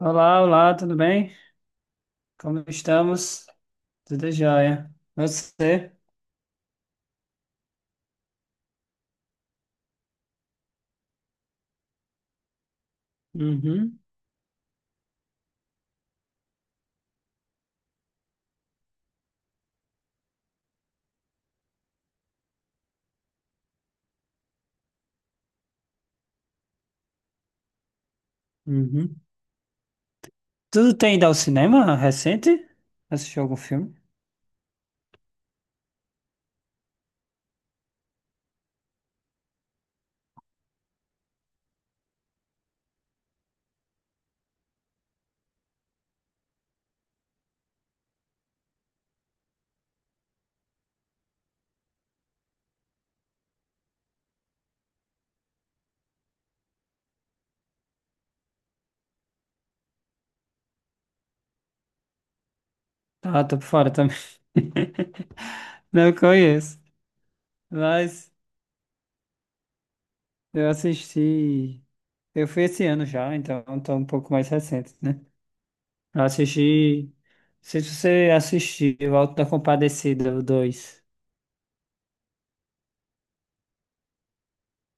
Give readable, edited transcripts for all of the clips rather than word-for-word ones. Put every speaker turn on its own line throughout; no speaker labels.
Olá, olá, tudo bem? Como estamos? Tudo jóia. Você? Uhum, uhum. Tudo tem ido ao cinema recente? Assistiu algum filme? Ah, tô por fora também. Não conheço, mas eu assisti. Eu fui esse ano já, então tô um pouco mais recente, né? Eu assisti. Não sei se você assistiu Auto da Compadecida, o 2.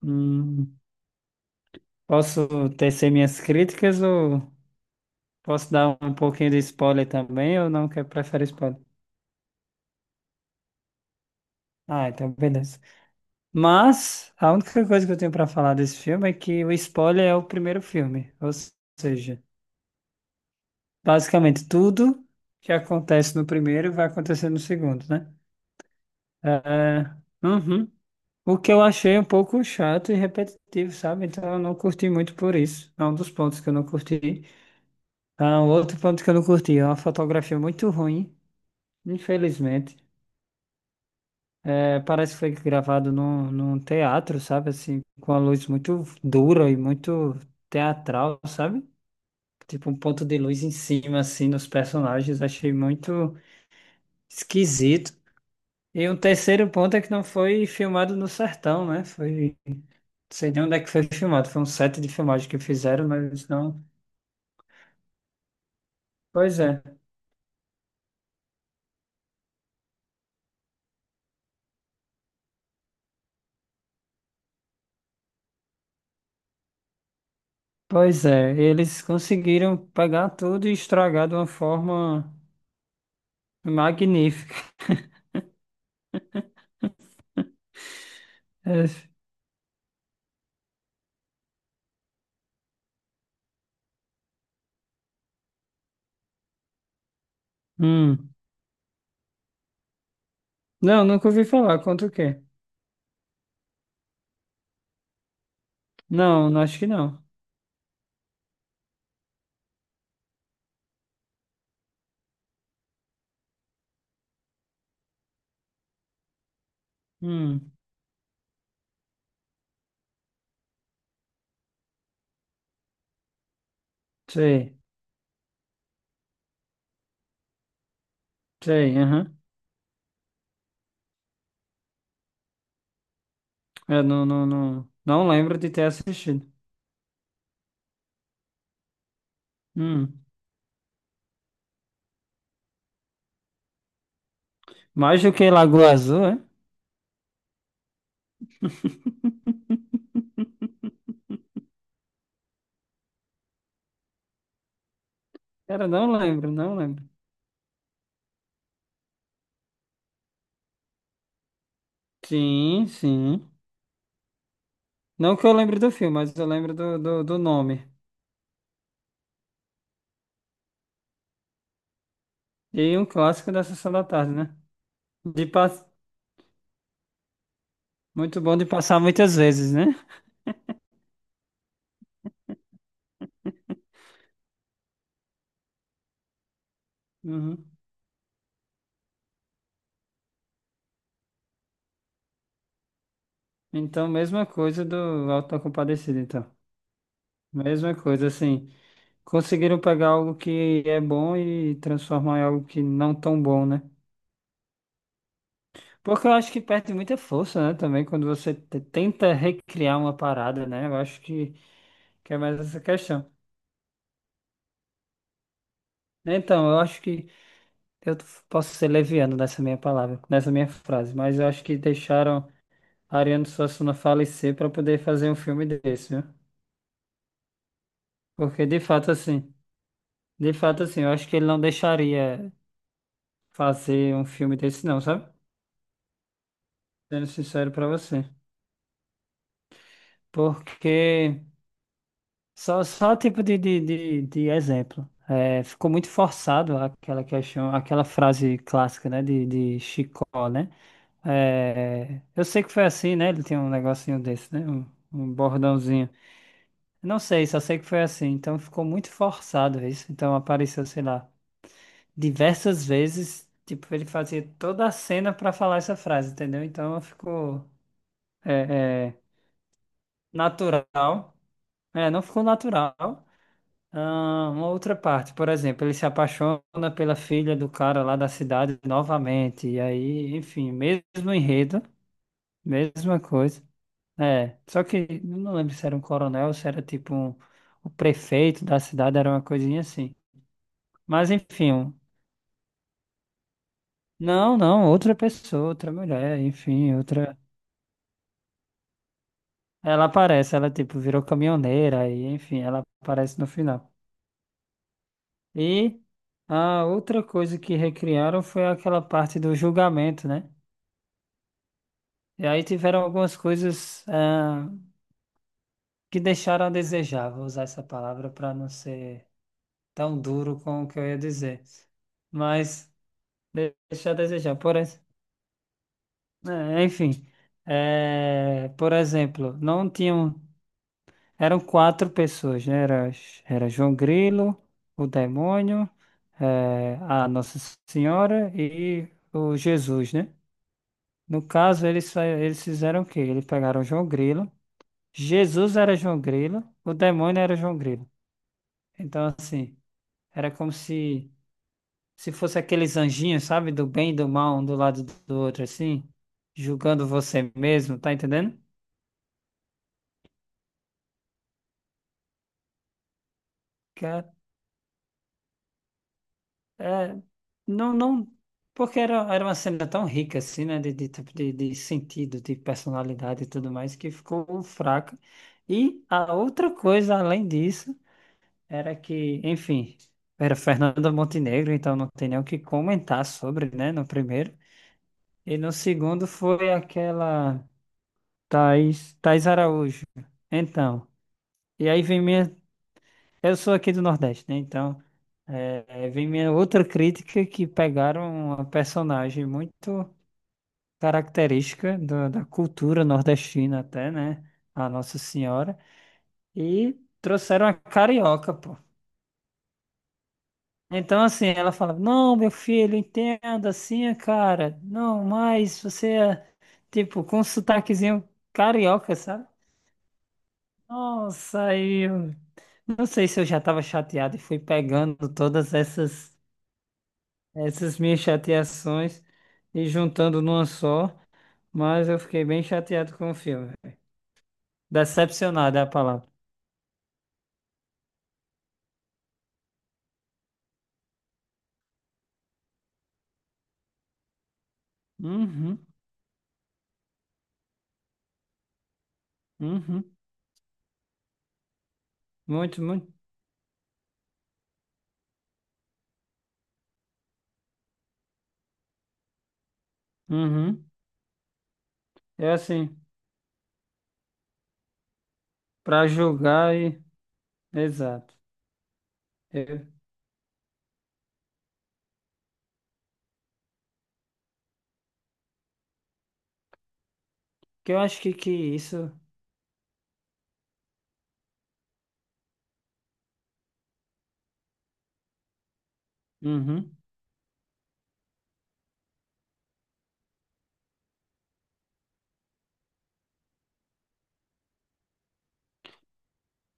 Hum, Posso tecer minhas críticas ou. Posso dar um pouquinho de spoiler também ou não quer prefere spoiler? Ah, então beleza. Mas a única coisa que eu tenho pra falar desse filme é que o spoiler é o primeiro filme, ou seja, basicamente tudo que acontece no primeiro vai acontecer no segundo, né? É, uhum. O que eu achei um pouco chato e repetitivo, sabe? Então eu não curti muito por isso. É um dos pontos que eu não curti. Ah, um outro ponto que eu não curti é uma fotografia muito ruim, infelizmente. É, parece que foi gravado num teatro, sabe? Assim, com a luz muito dura e muito teatral, sabe? Tipo um ponto de luz em cima, assim, nos personagens. Achei muito esquisito. E um terceiro ponto é que não foi filmado no sertão, né? Foi, não sei nem onde é que foi filmado. Foi um set de filmagem que fizeram, mas não. Pois é, pois é. Eles conseguiram pegar tudo e estragar de uma forma magnífica. É. Hum. Não, nunca ouvi falar. Conta o quê? Não, não acho que não. Hum, Sei, sei, aham. Eu não lembro de ter assistido. Hum, Mais do que Lagoa Azul, é? Cara, não lembro, não lembro. Sim, sim. Não que eu lembre do filme, mas eu lembro do nome. E um clássico da Sessão da Tarde, né? De pass... Muito bom de passar muitas vezes, né? Uhum. Então, mesma coisa do Auto da Compadecida, então. Mesma coisa, assim. Conseguiram pegar algo que é bom e transformar em algo que não tão bom, né? Porque eu acho que perde muita força, né? Também quando você tenta recriar uma parada, né? Eu acho que é mais essa questão. Então, eu acho que eu posso ser leviano nessa minha palavra, nessa minha frase, mas eu acho que deixaram Ariano Suassuna falecer para poder fazer um filme desse, viu? Porque de fato, assim, eu acho que ele não deixaria fazer um filme desse, não, sabe? Sendo sincero pra você. Porque só tipo de exemplo. É, ficou muito forçado aquela questão, aquela frase clássica, né, de Chicó, né? É, eu sei que foi assim, né? Ele tem um negocinho desse, né? Um bordãozinho. Não sei, só sei que foi assim. Então ficou muito forçado isso. Então apareceu, sei lá, diversas vezes. Tipo, ele fazia toda a cena pra falar essa frase, entendeu? Então ficou é, natural. É, não ficou natural. Ah, uma outra parte, por exemplo, ele se apaixona pela filha do cara lá da cidade novamente, e aí, enfim, mesmo enredo, mesma coisa. É, só que não lembro se era um coronel, ou se era tipo um, o prefeito da cidade, era uma coisinha assim. Mas enfim, não, não, outra pessoa, outra mulher, enfim, outra. Ela aparece, ela tipo virou caminhoneira, e enfim, ela aparece no final. E a outra coisa que recriaram foi aquela parte do julgamento, né? E aí tiveram algumas coisas, ah, que deixaram a desejar, vou usar essa palavra para não ser tão duro com o que eu ia dizer. Mas deixar a desejar. Enfim, por exemplo, não tinham. Eram quatro pessoas, né? Era João Grilo, o demônio, a Nossa Senhora e o Jesus, né? No caso, eles fizeram o quê? Eles pegaram o João Grilo. Jesus era João Grilo, o demônio era João Grilo. Então, assim, era como se se fosse aqueles anjinhos, sabe? Do bem e do mal, um do lado do outro, assim, julgando você mesmo, tá entendendo? Que é, é, não, não, porque era uma cena tão rica, assim, né? De, tipo de sentido, de personalidade e tudo mais, que ficou fraca. E a outra coisa, além disso. Era que, enfim, era Fernanda Montenegro, então não tem nem o que comentar sobre, né, no primeiro. E no segundo foi aquela Thais, Thais Araújo. Então, e aí vem minha. Eu sou aqui do Nordeste, né? Então, vem minha outra crítica que pegaram uma personagem muito característica da cultura nordestina, até, né? A Nossa Senhora, e trouxeram a carioca, pô. Então, assim, ela fala: Não, meu filho, entenda, assim, é cara. Não, mas você é, tipo, com um sotaquezinho carioca, sabe? Nossa, aí eu não sei se eu já estava chateado e fui pegando todas essas minhas chateações e juntando numa só, mas eu fiquei bem chateado com o filme. Decepcionado é a palavra. Uhum, uhum, muito, muito. Uhum. É assim, pra julgar e. Exato. Que eu acho que isso. Uhum.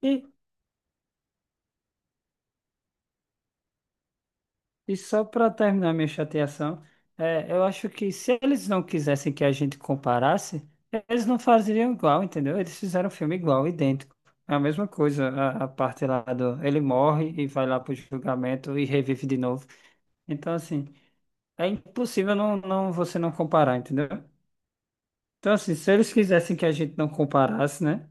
E, e só para terminar minha chateação, é, eu acho que se eles não quisessem que a gente comparasse, eles não faziam igual, entendeu? Eles fizeram um filme igual, idêntico. É a mesma coisa, a parte lá do. Ele morre e vai lá pro julgamento e revive de novo. Então, assim, é impossível não, não, você não comparar, entendeu? Então, assim, se eles quisessem que a gente não comparasse, né?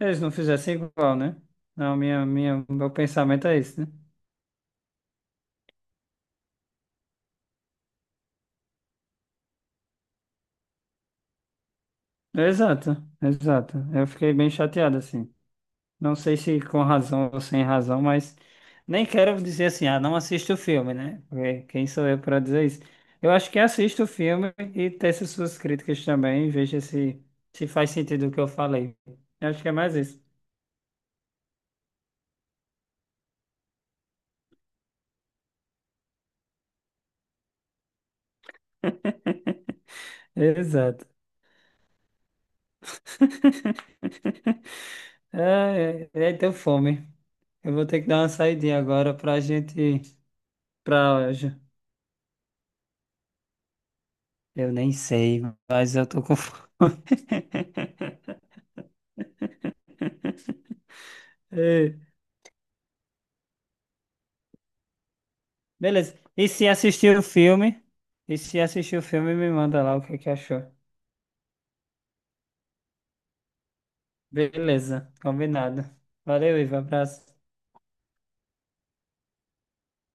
Eles não fizessem igual, né? Não, meu pensamento é esse, né? Exato, exato. Eu fiquei bem chateado, assim. Não sei se com razão ou sem razão, mas nem quero dizer assim, ah, não assiste o filme, né? Porque quem sou eu para dizer isso? Eu acho que assista o filme e teça suas críticas também, veja se faz sentido o que eu falei. Eu acho que é mais isso. Exato. Ah, deu fome. Eu vou ter que dar uma saidinha agora pra gente. Pra Eu nem sei, mas eu tô com fome. É, beleza. E se assistir o filme? E se assistir o filme, me manda lá o que é que achou. Beleza, combinado. Valeu, Ivo. Abraço.